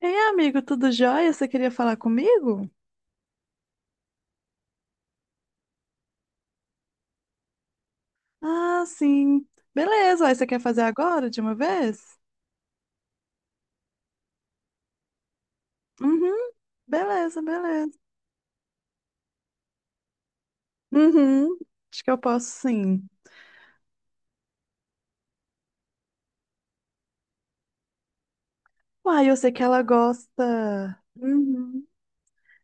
Ei, amigo, tudo jóia? Você queria falar comigo? Ah, sim. Beleza, aí você quer fazer agora de uma vez? Uhum, beleza, beleza. Uhum, acho que eu posso sim. Uai, eu sei que ela gosta. Uhum.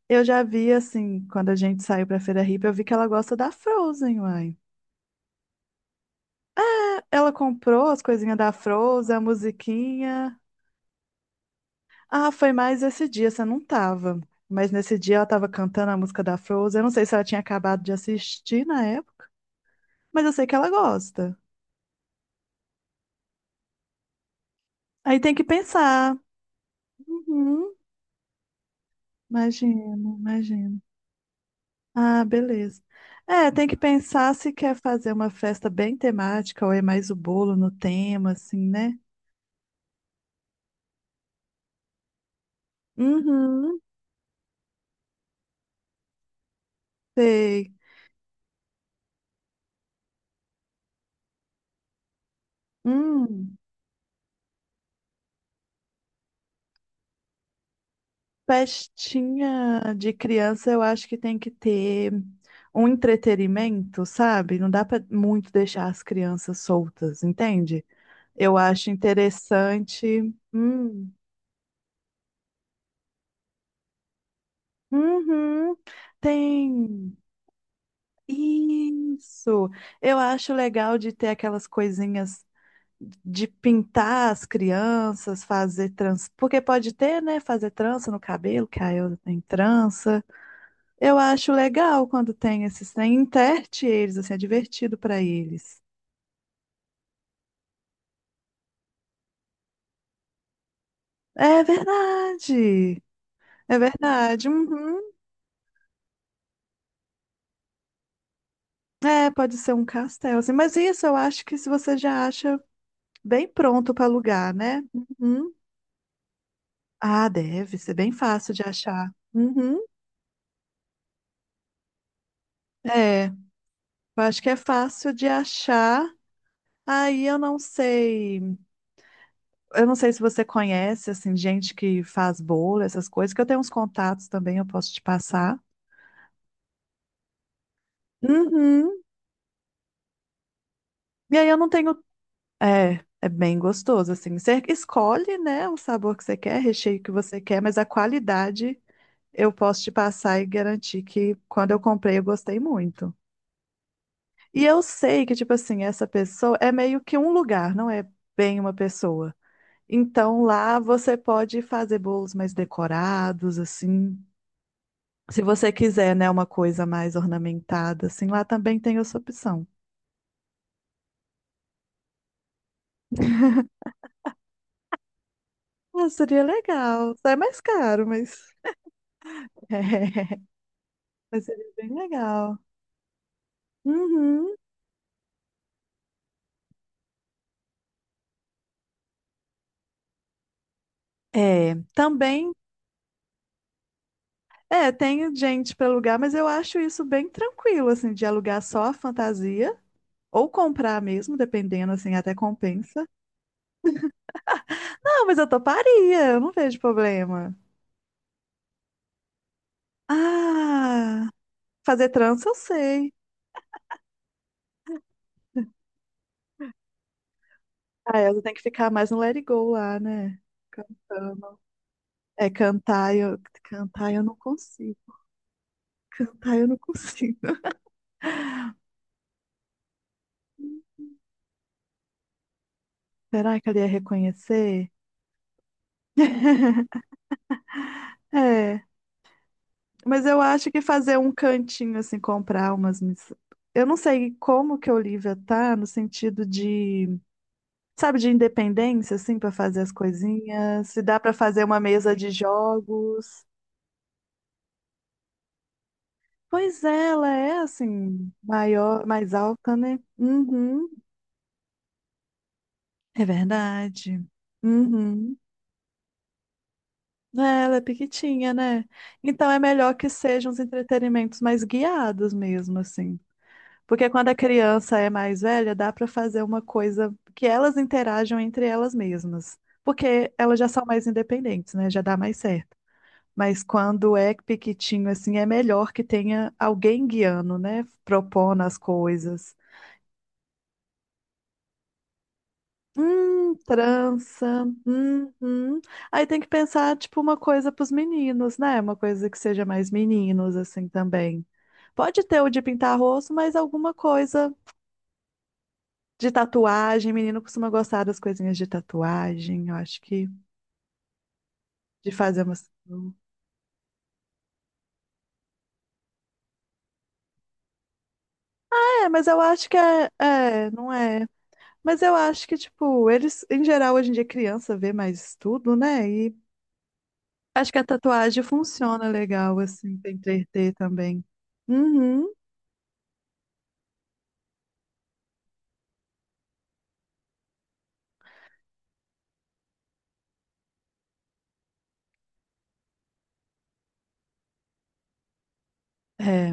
Eu já vi, assim, quando a gente saiu pra Feira Hippie, eu vi que ela gosta da Frozen, uai. Ela comprou as coisinhas da Frozen, a musiquinha. Ah, foi mais esse dia, você não tava. Mas nesse dia ela tava cantando a música da Frozen. Eu não sei se ela tinha acabado de assistir na época. Mas eu sei que ela gosta. Aí tem que pensar. Uhum, imagino. Ah, beleza. É, tem que pensar se quer fazer uma festa bem temática ou é mais o bolo no tema, assim, né? Uhum, sei. Hum, festinha de criança eu acho que tem que ter um entretenimento, sabe? Não dá pra muito deixar as crianças soltas, entende? Eu acho interessante. Hum. Uhum, tem. Isso. Eu acho legal de ter aquelas coisinhas de pintar as crianças, fazer trança. Porque pode ter, né? Fazer trança no cabelo, que a Elza tem trança. Eu acho legal quando tem esses trem, enterte eles, assim, é divertido para eles. É verdade. É verdade. Uhum. É, pode ser um castelo, assim. Mas isso eu acho que se você já acha bem pronto para alugar, né? Uhum. Ah, deve ser bem fácil de achar. Uhum. É, eu acho que é fácil de achar. Aí eu não sei se você conhece assim gente que faz bolo, essas coisas, que eu tenho uns contatos também, eu posso te passar. Uhum. E aí eu não tenho, é bem gostoso assim. Você escolhe, né, o sabor que você quer, recheio que você quer, mas a qualidade eu posso te passar e garantir que quando eu comprei eu gostei muito. E eu sei que, tipo assim, essa pessoa é meio que um lugar, não é bem uma pessoa. Então lá você pode fazer bolos mais decorados, assim. Se você quiser, né, uma coisa mais ornamentada, assim, lá também tem essa opção. Ah, seria legal. É mais caro, mas. É, mas seria bem legal. Uhum. É, também. É, tem gente para alugar, mas eu acho isso bem tranquilo, assim, de alugar só a fantasia ou comprar mesmo, dependendo, assim, até compensa. Não, mas eu toparia, eu não vejo problema. Ah, fazer trança eu sei. Ah, eu tenho que ficar mais no Let It Go lá, né? Cantando. É, cantar eu não consigo. Cantar eu não consigo. Será que ela ia reconhecer? É, mas eu acho que fazer um cantinho assim, comprar umas. Mis- Eu não sei como que a Olivia tá no sentido de, sabe, de independência assim para fazer as coisinhas, se dá para fazer uma mesa de jogos. Pois é, ela é assim, maior, mais alta, né? Uhum, é verdade. Uhum. É, ela é pequitinha, né? Então é melhor que sejam os entretenimentos mais guiados mesmo, assim. Porque quando a criança é mais velha, dá pra fazer uma coisa que elas interajam entre elas mesmas. Porque elas já são mais independentes, né? Já dá mais certo. Mas quando é pequitinho, assim, é melhor que tenha alguém guiando, né? Propondo as coisas. Trança. Uhum. Aí tem que pensar, tipo, uma coisa para os meninos, né? Uma coisa que seja mais meninos, assim, também. Pode ter o de pintar rosto, mas alguma coisa de tatuagem. Menino costuma gostar das coisinhas de tatuagem. Eu acho que de fazer umas. É, mas eu acho que não é. Mas eu acho que, tipo, eles, em geral, hoje em dia, criança vê mais tudo, né? E acho que a tatuagem funciona legal, assim, pra entreter também. Uhum. É,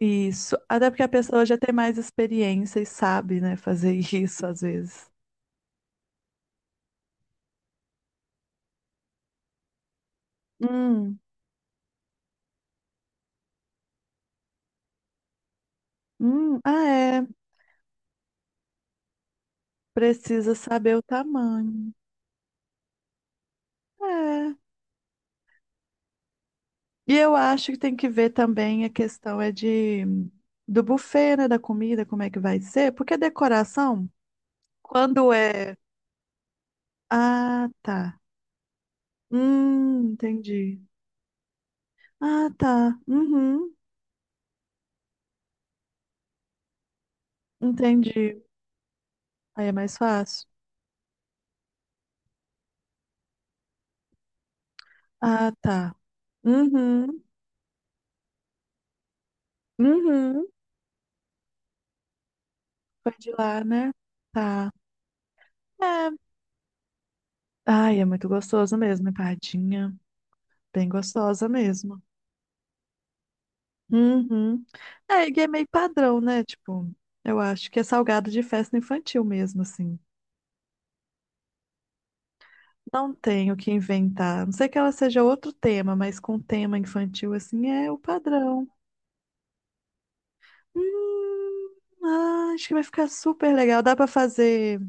isso. Até porque a pessoa já tem mais experiência e sabe, né, fazer isso às vezes. Hum, ah, é. Precisa saber o tamanho. É. E eu acho que tem que ver também a questão é de do buffet, né, da comida, como é que vai ser? Porque decoração, quando é. Ah, tá. Entendi. Ah, tá. Uhum, entendi. Aí é mais fácil. Ah, tá. Uhum, uhum. Foi de lá, né? Tá. É. Ai, é muito gostoso mesmo, empadinha. Bem gostosa mesmo. Uhum. É, e é meio padrão, né? Tipo, eu acho que é salgado de festa infantil mesmo, assim. Não tem o que inventar. A Não sei que ela seja outro tema, mas com tema infantil, assim, é o padrão. Hum, ah, acho que vai ficar super legal. Dá pra fazer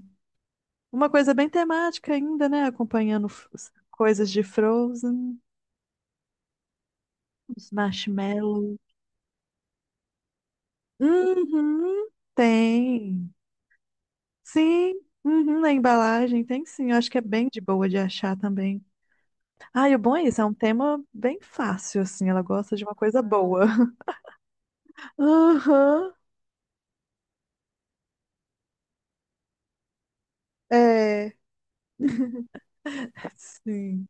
uma coisa bem temática ainda, né? Acompanhando f- coisas de Frozen, os marshmallows. Uhum, tem. Sim, uhum, na embalagem tem sim. Eu acho que é bem de boa de achar também. Ah, e o bom é isso, é um tema bem fácil, assim. Ela gosta de uma coisa boa. Aham, é, sim,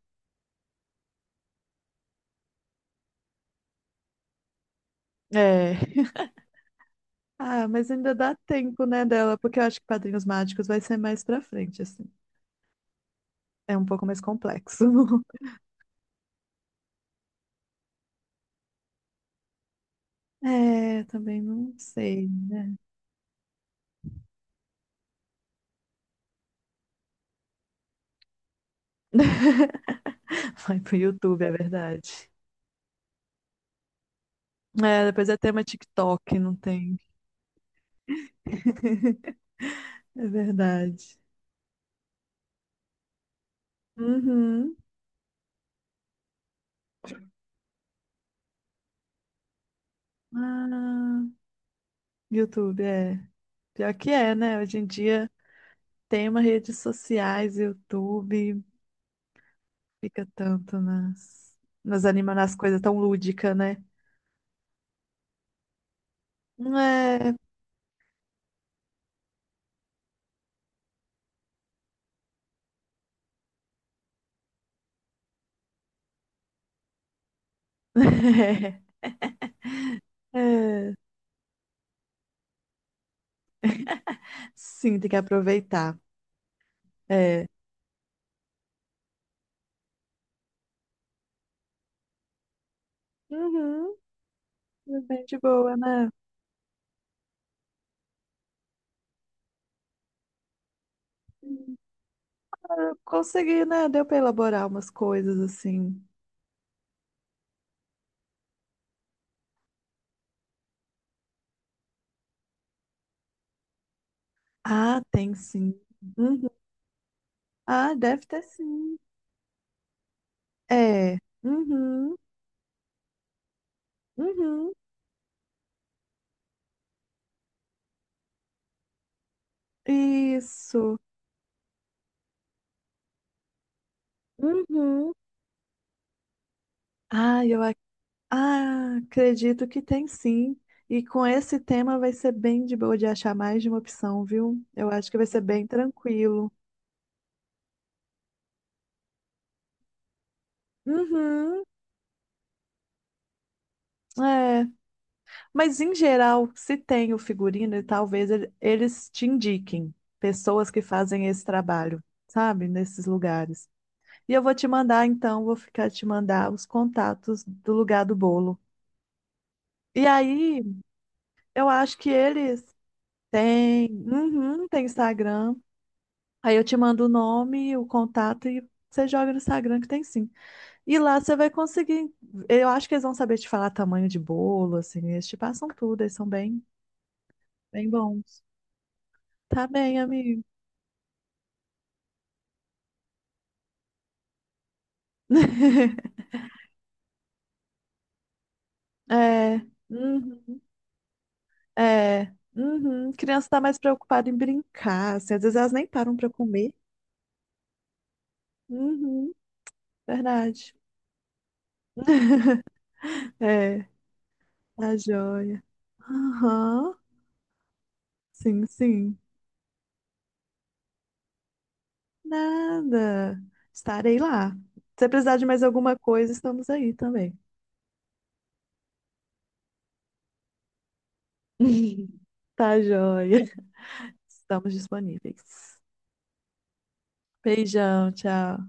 é. Ah, mas ainda dá tempo, né, dela, porque eu acho que Padrinhos Mágicos vai ser mais pra frente, assim. É um pouco mais complexo. É, também não sei. Vai pro YouTube, é verdade. É, depois é tema TikTok, não tem. É verdade. Uhum. Ah, YouTube, é. Pior que é, né? Hoje em dia tem uma redes sociais, YouTube, fica tanto nas, nas anima nas coisas tão lúdica, né? É. É. Sim, tem que aproveitar. É. Uhum. É Bem de boa, né? Eu consegui, né? Deu pra elaborar umas coisas assim. Ah, tem sim. Uhum. Ah, deve ter sim. É. Uhum. Uhum. Isso. Uhum. Ah, ah, acredito que tem sim. E com esse tema vai ser bem de boa de achar mais de uma opção, viu? Eu acho que vai ser bem tranquilo. Uhum. É. Mas em geral, se tem o figurino, talvez ele- eles te indiquem pessoas que fazem esse trabalho, sabe? Nesses lugares. E eu vou te mandar, então, vou ficar te mandar os contatos do lugar do bolo. E aí, eu acho que eles Tem, uhum, tem Instagram. Aí eu te mando o nome, o contato e você joga no Instagram que tem sim. E lá você vai conseguir. Eu acho que eles vão saber te falar tamanho de bolo, assim. Eles te passam tudo, eles são bem, bem bons. Tá bem, amigo. É, uhum, é, uhum. Criança tá mais preocupada em brincar, assim. Às vezes elas nem param pra comer. Uhum, verdade. É, tá joia. Aham, sim, sim. Nada. Estarei lá. Se precisar de mais alguma coisa, estamos aí também. Tá joia. Estamos disponíveis. Beijão, tchau.